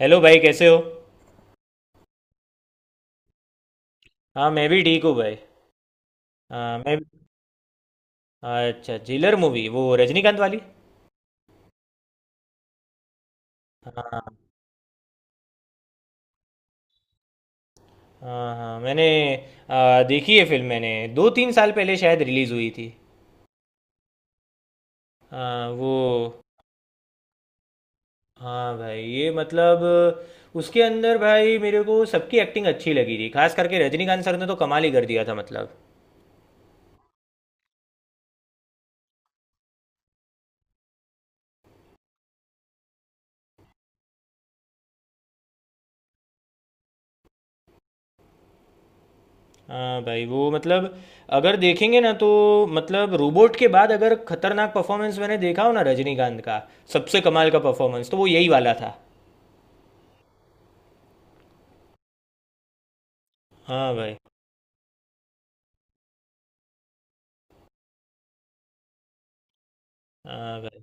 Hello भाई, कैसे हो। हाँ, मैं भी ठीक हूँ भाई। हाँ, मैं। अच्छा, जिलर मूवी, वो रजनीकांत वाली। हाँ, हाँ, हाँ, मैंने देखी है फिल्म, मैंने दो तीन साल पहले शायद रिलीज़ हुई थी। हाँ, वो। हाँ भाई, ये मतलब। उसके अंदर भाई मेरे को सबकी एक्टिंग अच्छी लगी थी, खास करके रजनीकांत सर ने तो कमाल ही कर दिया था, मतलब। हाँ भाई, वो मतलब, अगर देखेंगे ना तो, मतलब रोबोट के बाद अगर खतरनाक परफॉर्मेंस मैंने देखा हो ना रजनीकांत का, सबसे कमाल का परफॉर्मेंस तो वो यही वाला था। हाँ भाई। हाँ भाई।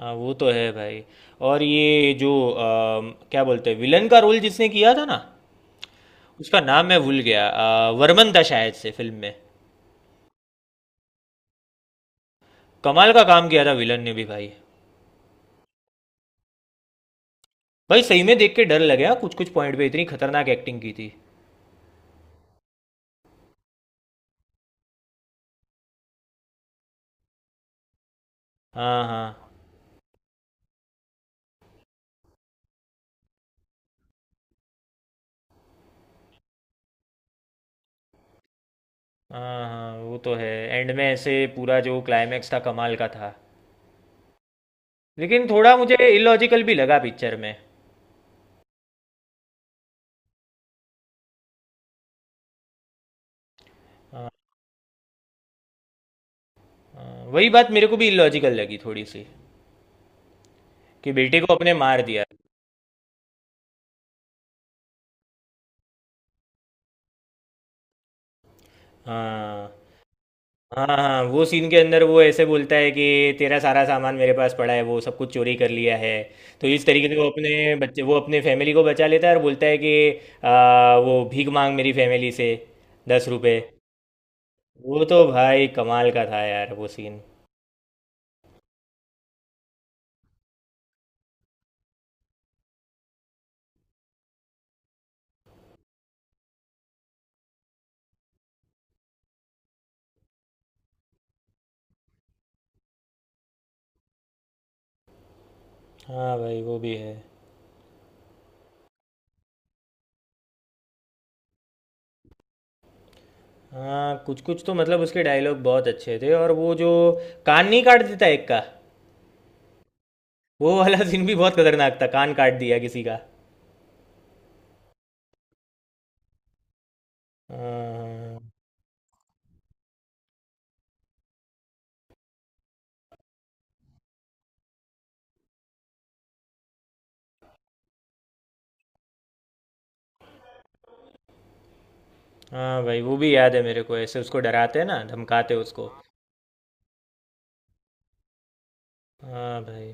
हाँ, वो तो है भाई। और ये जो क्या बोलते हैं, विलन का रोल जिसने किया था ना, उसका नाम मैं भूल गया, वर्मन था शायद से फिल्म में। कमाल का काम किया था विलन ने भी भाई। भाई सही में देख के डर लगे, हाँ कुछ कुछ पॉइंट पे इतनी खतरनाक एक्टिंग की थी। हाँ, हाँ। हाँ, हाँ, वो तो है। एंड में ऐसे पूरा जो क्लाइमैक्स था, कमाल का था। लेकिन थोड़ा मुझे इलॉजिकल भी लगा पिक्चर में। हाँ, हाँ, वही बात मेरे को भी इलॉजिकल लगी थोड़ी सी, कि बेटे को अपने मार दिया। हाँ। हाँ, हाँ, वो सीन के अंदर वो ऐसे बोलता है कि, तेरा सारा सामान मेरे पास पड़ा है, वो सब कुछ चोरी कर लिया है। तो इस तरीके से वो अपने बच्चे, वो अपने फैमिली को बचा लेता है और बोलता है कि वो भीख मांग मेरी फैमिली से 10 रुपए। वो तो भाई कमाल का था यार, वो सीन। हाँ भाई, वो भी है। हाँ कुछ कुछ तो मतलब, उसके डायलॉग बहुत अच्छे थे। और वो जो कान नहीं काट देता एक का, वो वाला सीन भी बहुत खतरनाक था, कान काट दिया किसी का। हाँ। हाँ भाई, वो भी याद है मेरे को, ऐसे उसको डराते हैं ना, धमकाते उसको। हाँ भाई।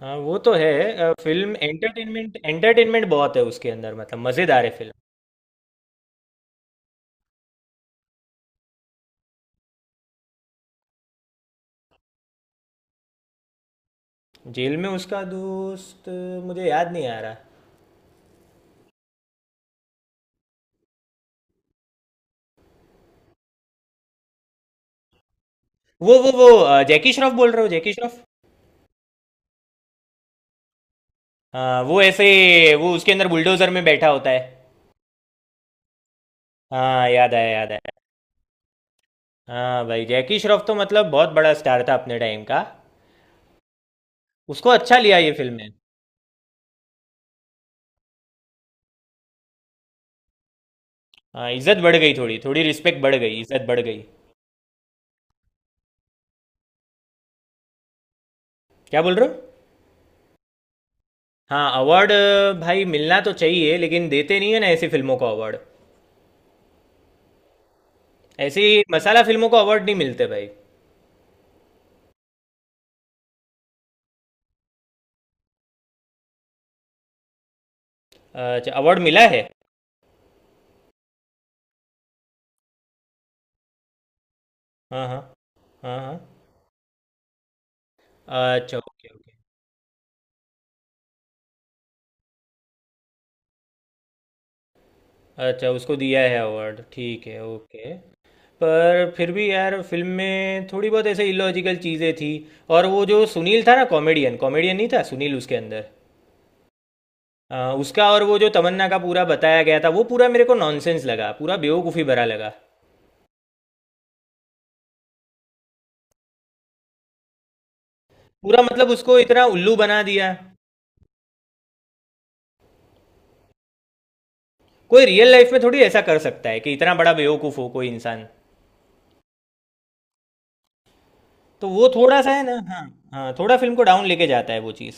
हाँ, वो तो है। फिल्म एंटरटेनमेंट एंटरटेनमेंट बहुत है उसके अंदर, मतलब मज़ेदार है फिल्म। जेल में उसका दोस्त, मुझे याद नहीं आ रहा। वो जैकी श्रॉफ बोल रहे हो, जैकी श्रॉफ? हाँ, वो ऐसे, वो उसके अंदर बुलडोजर में बैठा होता है। हाँ, याद आया, याद आया। हाँ भाई, जैकी श्रॉफ तो मतलब बहुत बड़ा स्टार था अपने टाइम का। उसको अच्छा लिया ये फिल्म ने। हाँ, इज्जत बढ़ गई थोड़ी थोड़ी, रिस्पेक्ट बढ़ गई, इज्जत बढ़ गई। क्या बोल रहे हो? हाँ, अवार्ड। भाई मिलना तो चाहिए, लेकिन देते नहीं है ना ऐसी फिल्मों को अवार्ड। ऐसी मसाला फिल्मों को अवार्ड नहीं मिलते भाई। अच्छा, अवार्ड मिला है? हाँ, हाँ, हाँ, हाँ, अच्छा, ओके, ओके। अच्छा, उसको दिया है अवार्ड, ठीक है, ओके। पर फिर भी यार, फिल्म में थोड़ी बहुत ऐसे इलॉजिकल चीज़ें थी। और वो जो सुनील था ना, कॉमेडियन कॉमेडियन नहीं था सुनील उसके अंदर, उसका, और वो जो तमन्ना का पूरा बताया गया था, वो पूरा मेरे को नॉनसेंस लगा, पूरा बेवकूफ़ी भरा लगा। पूरा मतलब उसको इतना उल्लू बना दिया। कोई रियल लाइफ में थोड़ी ऐसा कर सकता है कि इतना बड़ा बेवकूफ हो कोई इंसान। तो वो थोड़ा सा है ना, हाँ। हाँ, थोड़ा फिल्म को डाउन लेके जाता है वो चीज़।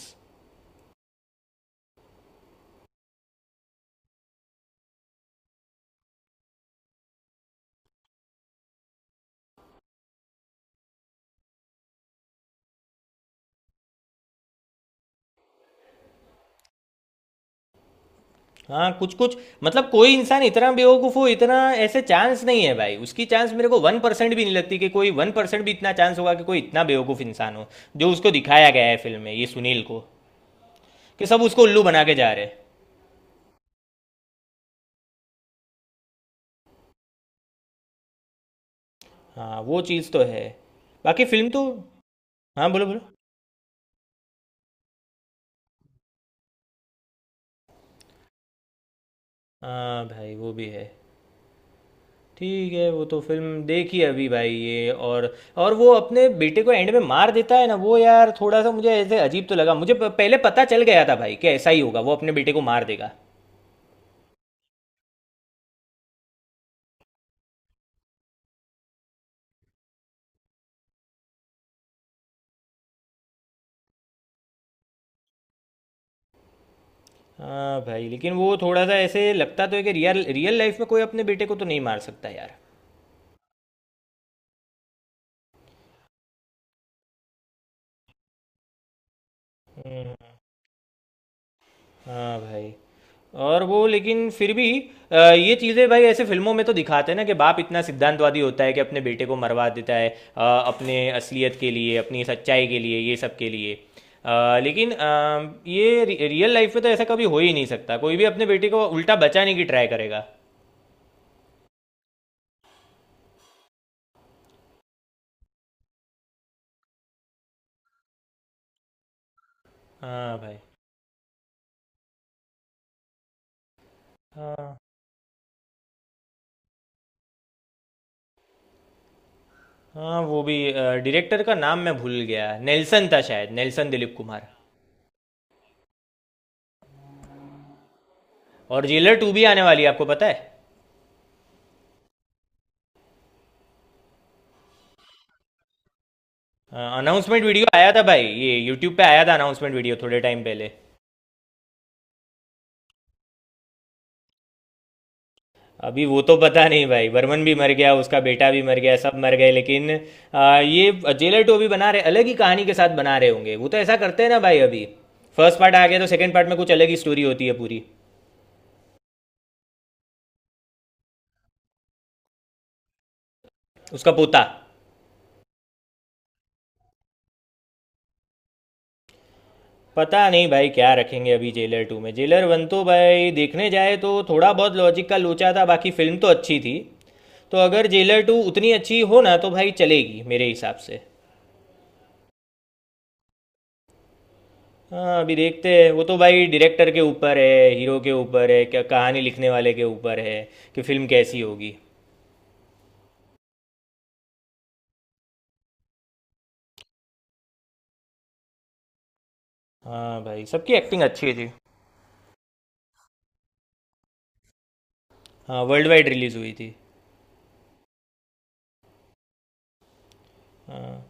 हाँ, कुछ कुछ। मतलब कोई इंसान इतना बेवकूफ हो, इतना, ऐसे चांस नहीं है भाई। उसकी चांस मेरे को 1% भी नहीं लगती कि कोई 1% भी इतना चांस होगा कि कोई इतना बेवकूफ इंसान हो, जो उसको दिखाया गया है फिल्म में, ये सुनील को, कि सब उसको उल्लू बना के जा रहे हैं। हाँ, वो चीज़ तो है। बाकी फिल्म तो, हाँ, बोलो बोलो। हाँ भाई, वो भी है। ठीक है, वो तो फिल्म देखी अभी भाई ये, और वो अपने बेटे को एंड में मार देता है ना, वो यार थोड़ा सा मुझे ऐसे अजीब तो लगा, मुझे पहले पता चल गया था भाई कि ऐसा ही होगा, वो अपने बेटे को मार देगा। हाँ भाई, लेकिन वो थोड़ा सा ऐसे लगता तो है कि रियल रियल लाइफ में कोई अपने बेटे को तो नहीं मार सकता यार। हाँ भाई। और वो लेकिन फिर भी, ये चीज़ें भाई ऐसे फिल्मों में तो दिखाते हैं ना, कि बाप इतना सिद्धांतवादी होता है कि अपने बेटे को मरवा देता है, अ, अपने असलियत के लिए, अपनी सच्चाई के लिए, ये सब के लिए। लेकिन ये रियल लाइफ में तो ऐसा कभी हो ही नहीं सकता, कोई भी अपने बेटे को उल्टा बचाने की ट्राई करेगा। हाँ भाई। हाँ, हाँ, वो भी, डायरेक्टर का नाम मैं भूल गया, नेल्सन था शायद, नेल्सन दिलीप कुमार। और जेलर टू भी आने वाली है, आपको पता है? अनाउंसमेंट वीडियो आया था भाई, ये यूट्यूब पे आया था अनाउंसमेंट वीडियो, थोड़े टाइम पहले। अभी वो तो पता नहीं भाई, बर्मन भी मर गया, उसका बेटा भी मर गया, सब मर गए लेकिन, ये जेलर टू अभी बना रहे अलग ही कहानी के साथ, बना रहे होंगे वो तो, ऐसा करते हैं ना भाई अभी, फर्स्ट पार्ट आ गया तो सेकंड पार्ट में कुछ अलग ही स्टोरी होती है पूरी। उसका पोता। पता नहीं भाई क्या रखेंगे अभी जेलर टू में, जेलर वन तो भाई देखने जाए तो थोड़ा बहुत लॉजिक का लोचा था, बाकी फिल्म तो अच्छी थी। तो अगर जेलर टू उतनी अच्छी हो ना तो भाई चलेगी मेरे हिसाब से। हाँ, अभी देखते हैं, वो तो भाई डायरेक्टर के ऊपर है, हीरो के ऊपर है, क्या कहानी लिखने वाले के ऊपर है, कि फिल्म कैसी होगी। हाँ भाई, सबकी एक्टिंग अच्छी थी। हाँ, वर्ल्ड वाइड रिलीज़ हुई थी। हाँ,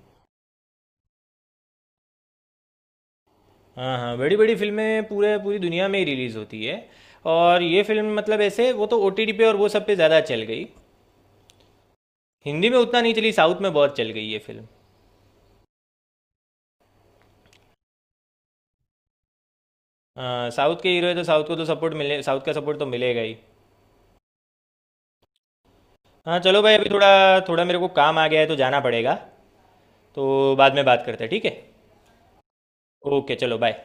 हाँ, हाँ, बड़ी बड़ी फिल्में पूरे पूरी दुनिया में ही रिलीज़ होती है। और ये फिल्म मतलब ऐसे वो तो OTT पे और वो सब पे ज़्यादा चल गई। हिंदी में उतना नहीं चली, साउथ में बहुत चल गई ये फिल्म। हाँ, साउथ के हीरो है तो साउथ को तो सपोर्ट मिले, साउथ का सपोर्ट तो मिलेगा ही। हाँ, चलो भाई, अभी थोड़ा थोड़ा मेरे को काम आ गया है तो जाना पड़ेगा। तो बाद में बात करते हैं, ठीक है? ओके, चलो बाय।